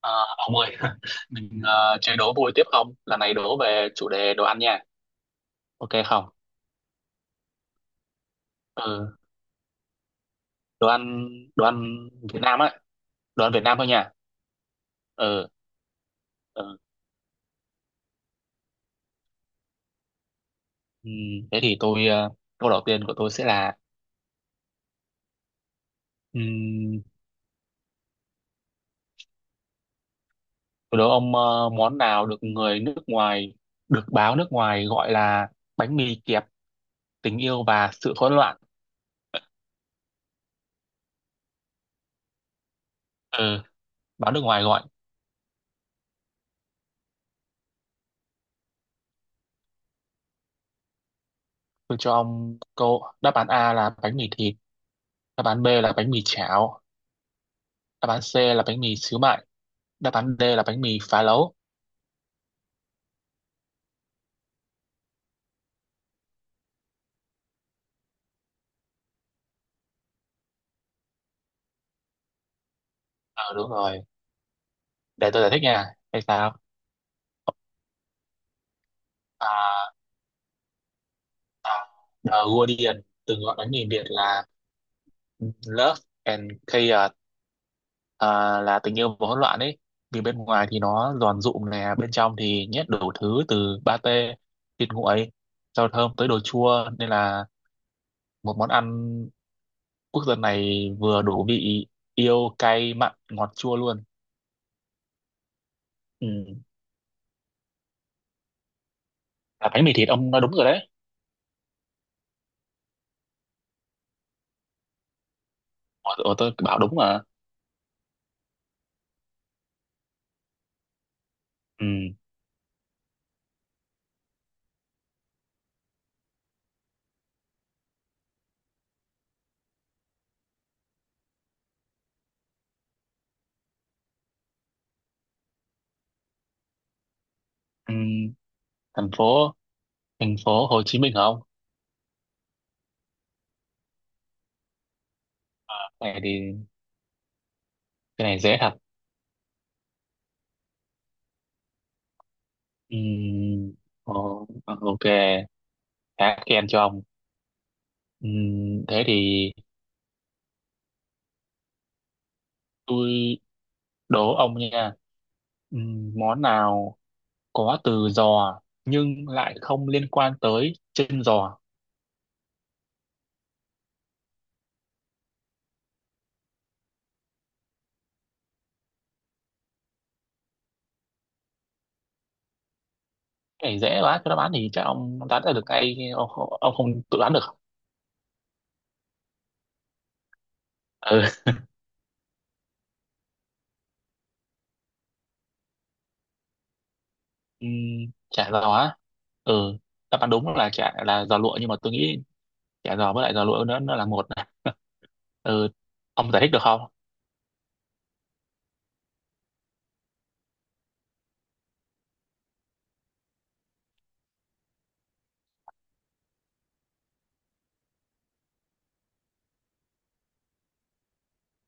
À, ông ơi, mình chơi đố vui tiếp không? Lần này đố về chủ đề đồ ăn nha. Ok không? Ừ, đồ ăn đồ ăn Việt Nam á, đồ ăn Việt Nam thôi nha. Ừ, ừ. Ừm, thế thì tôi câu đầu tiên của tôi sẽ là ừm, tôi đố ông món nào được báo nước ngoài gọi là bánh mì kẹp tình yêu và sự hỗn loạn. Ừ, báo nước ngoài gọi. Tôi cho ông câu đáp án A là bánh mì thịt, đáp án B là bánh mì chảo, đáp án C là bánh mì xíu mại, đáp án D là bánh mì phá lấu. Ờ đúng rồi, để tôi giải thích nha, hay sao. à, à, The Guardian từng gọi bánh mì Việt là Love and Chaos, à, là tình yêu và hỗn loạn ấy, vì bên ngoài thì nó giòn rụm nè, bên trong thì nhét đủ thứ từ pate, thịt nguội, rau thơm tới đồ chua, nên là một món ăn quốc dân này vừa đủ vị yêu cay mặn ngọt chua luôn. Ừ. Là bánh mì thịt, ông nói đúng rồi đấy. Ủa, tôi bảo đúng mà. Ừ. Ừ. Thành phố Hồ Chí Minh hả ông? Cái này thì cái này dễ thật. Ừ. Ồ, ok, khá khen cho ông. Ừ. Thế thì tôi đố ông nha. Ừ. Món nào có từ giò nhưng lại không liên quan tới chân giò? Cái này dễ quá, cái đáp án thì chắc ông đoán ra được ngay, ông, ông không tự đoán được. Ừ. Ừ. Chả giò á. Ừ. Đáp án đúng là chả là giò lụa, nhưng mà tôi nghĩ chả giò với lại giò lụa nó là một này. Ừ, ông giải thích được không.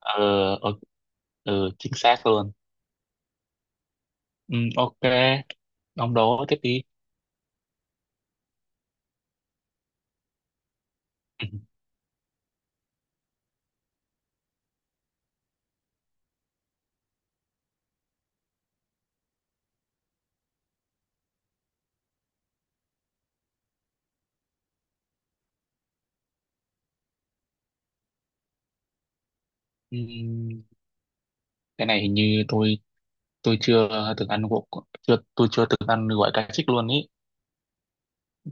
Ừ, ừ, ừ, chính xác luôn. Ừ, ok, ông đố tiếp đi. Ừ, ừ, cái này hình như tôi chưa từng ăn gỗ, chưa, tôi chưa từng ăn gỏi cá trích luôn ý. Ừ,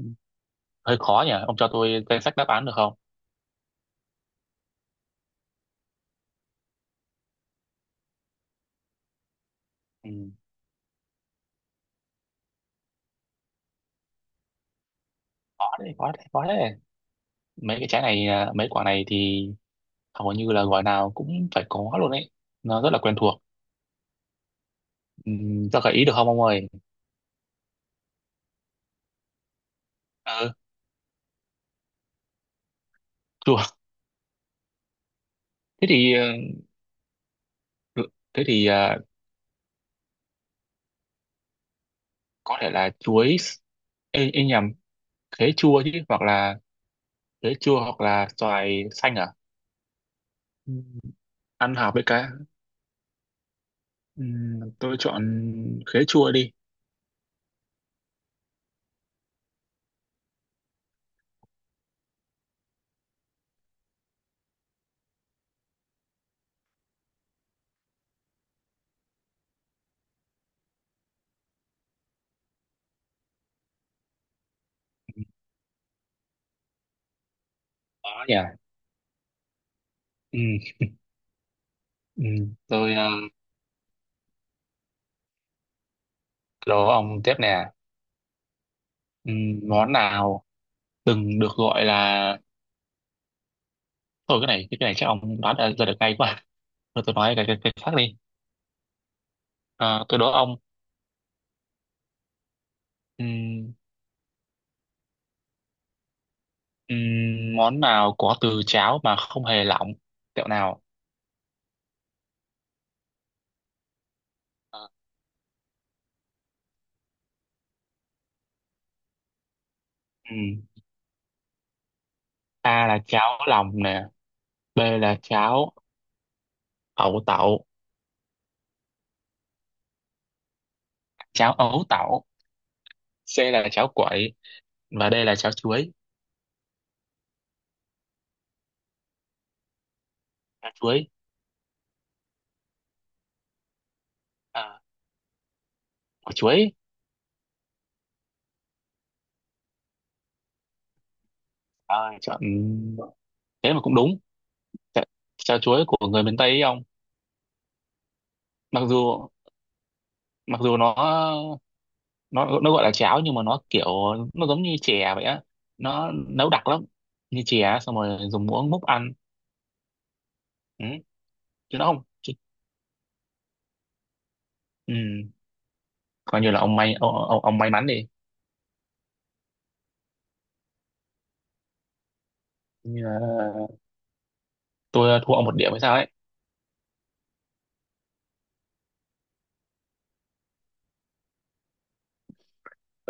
hơi khó nhỉ, ông cho tôi danh sách đáp án được không. Ừ, khó đấy, khó đấy, khó đấy. Mấy cái trái này à, mấy quả này thì hầu như là gỏi nào cũng phải có luôn ấy, nó rất là quen thuộc. Ừ, cho gợi ý được không ông ơi. Ừ, chùa. Thế thì được. Thế thì có thể là ê, ê nhầm khế chua chứ, hoặc là khế chua hoặc là xoài xanh à? Ừm, Ăn hợp với cá. Tôi chọn khế chua đi. Đó nhỉ. Ừm, Tôi đố ông tiếp nè. Món nào từng được gọi là, thôi cái này chắc ông đoán ra ra được ngay quá. Thôi tôi nói cái khác đi. À, tôi đố ông, ừm, món nào có từ cháo mà không hề lỏng? Kẹo nào? Ờ. A là cháo lòng nè, B là ấu tẩu, cháo ấu tẩu, C là cháo quậy, và D là cháo chuối. Cháo chuối, à, quả chuối, à, chọn, thế mà cũng đúng. Cháo, cháo chuối của người miền Tây ấy ông, mặc dù mặc dù nó, nó gọi là cháo nhưng mà nó kiểu nó giống như chè vậy á, nó nấu đặc lắm, như chè xong rồi dùng muỗng múc ăn. Ừ, chứ nó không, chứ, ừ, coi như là ông may, ông may mắn đi. Như là tôi thua ông một điểm hay sao ấy.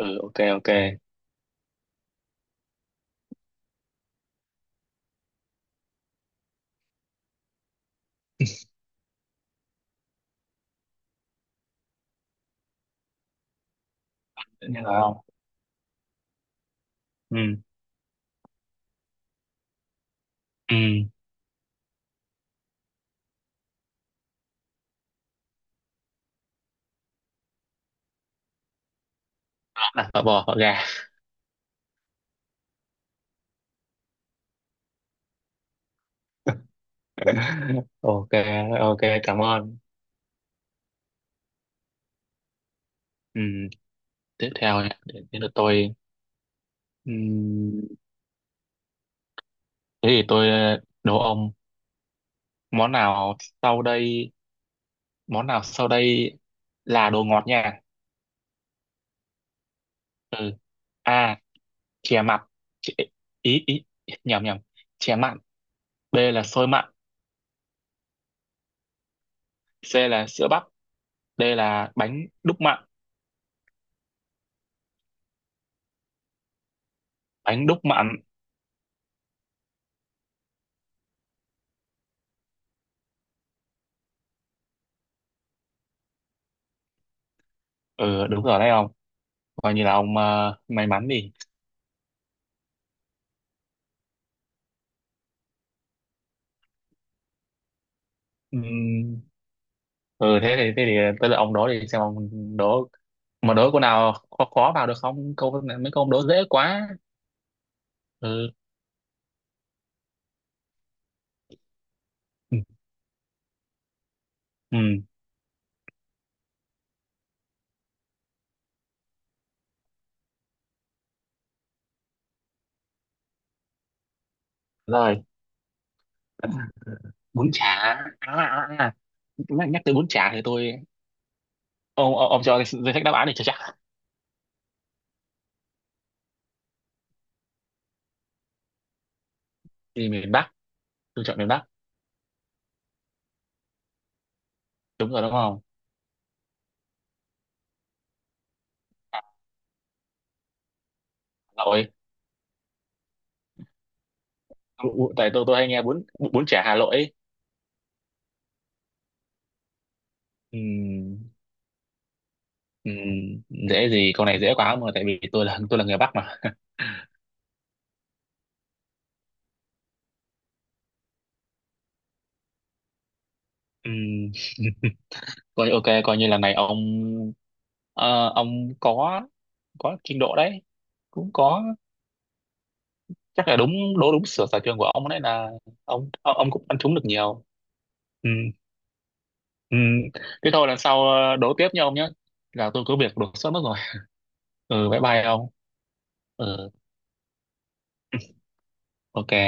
Ừ, ok, ok. Tự nhiên không. Ừ. Ừ, đặt phở bò phở gà. Ok, ok, cảm ơn. Ừ, tiếp theo nha, để đến lượt tôi. Ừ, thế thì tôi đố ông món nào sau đây, món nào sau đây là đồ ngọt nha. Ừ, A chè mặn, Chè- ý ý nhầm nhầm chè mặn, B là xôi mặn, C là sữa bắp, D là bánh đúc mặn. Bánh đúc mặn. Ừ đúng rồi đấy không, coi như là ông may mắn đi. Ừ, ừ, thế thì tới lượt ông đố đi xem ông đố, mà đố câu nào khó khó vào được không, mấy câu ông đố dễ quá. Ừ, ừ. Ừ. Rồi bún chả Nhắc tới bún chả thì tôi, ông cho cái danh sách đáp án này cho chắc, thì miền Bắc. Tôi chọn miền Bắc đúng rồi đúng không. Hà Nội. Ừ, ừ, tại tôi hay nghe bún, bún chả Hà Nội ấy. Ừ, ừ, dễ gì, câu này dễ quá mà, tại vì tôi là người Bắc mà. Ừ. Coi ok, coi như lần này ông ờ, ông có trình độ đấy, cũng có, chắc là đúng, đố đúng sở sở trường của ông đấy, là ông cũng ăn trúng được nhiều. Ừ, ừ. Thế thôi, lần sau đố tiếp nha ông nhé, là tôi có việc đột xuất mất rồi. Ừ, bye bye ông. Ừ ok.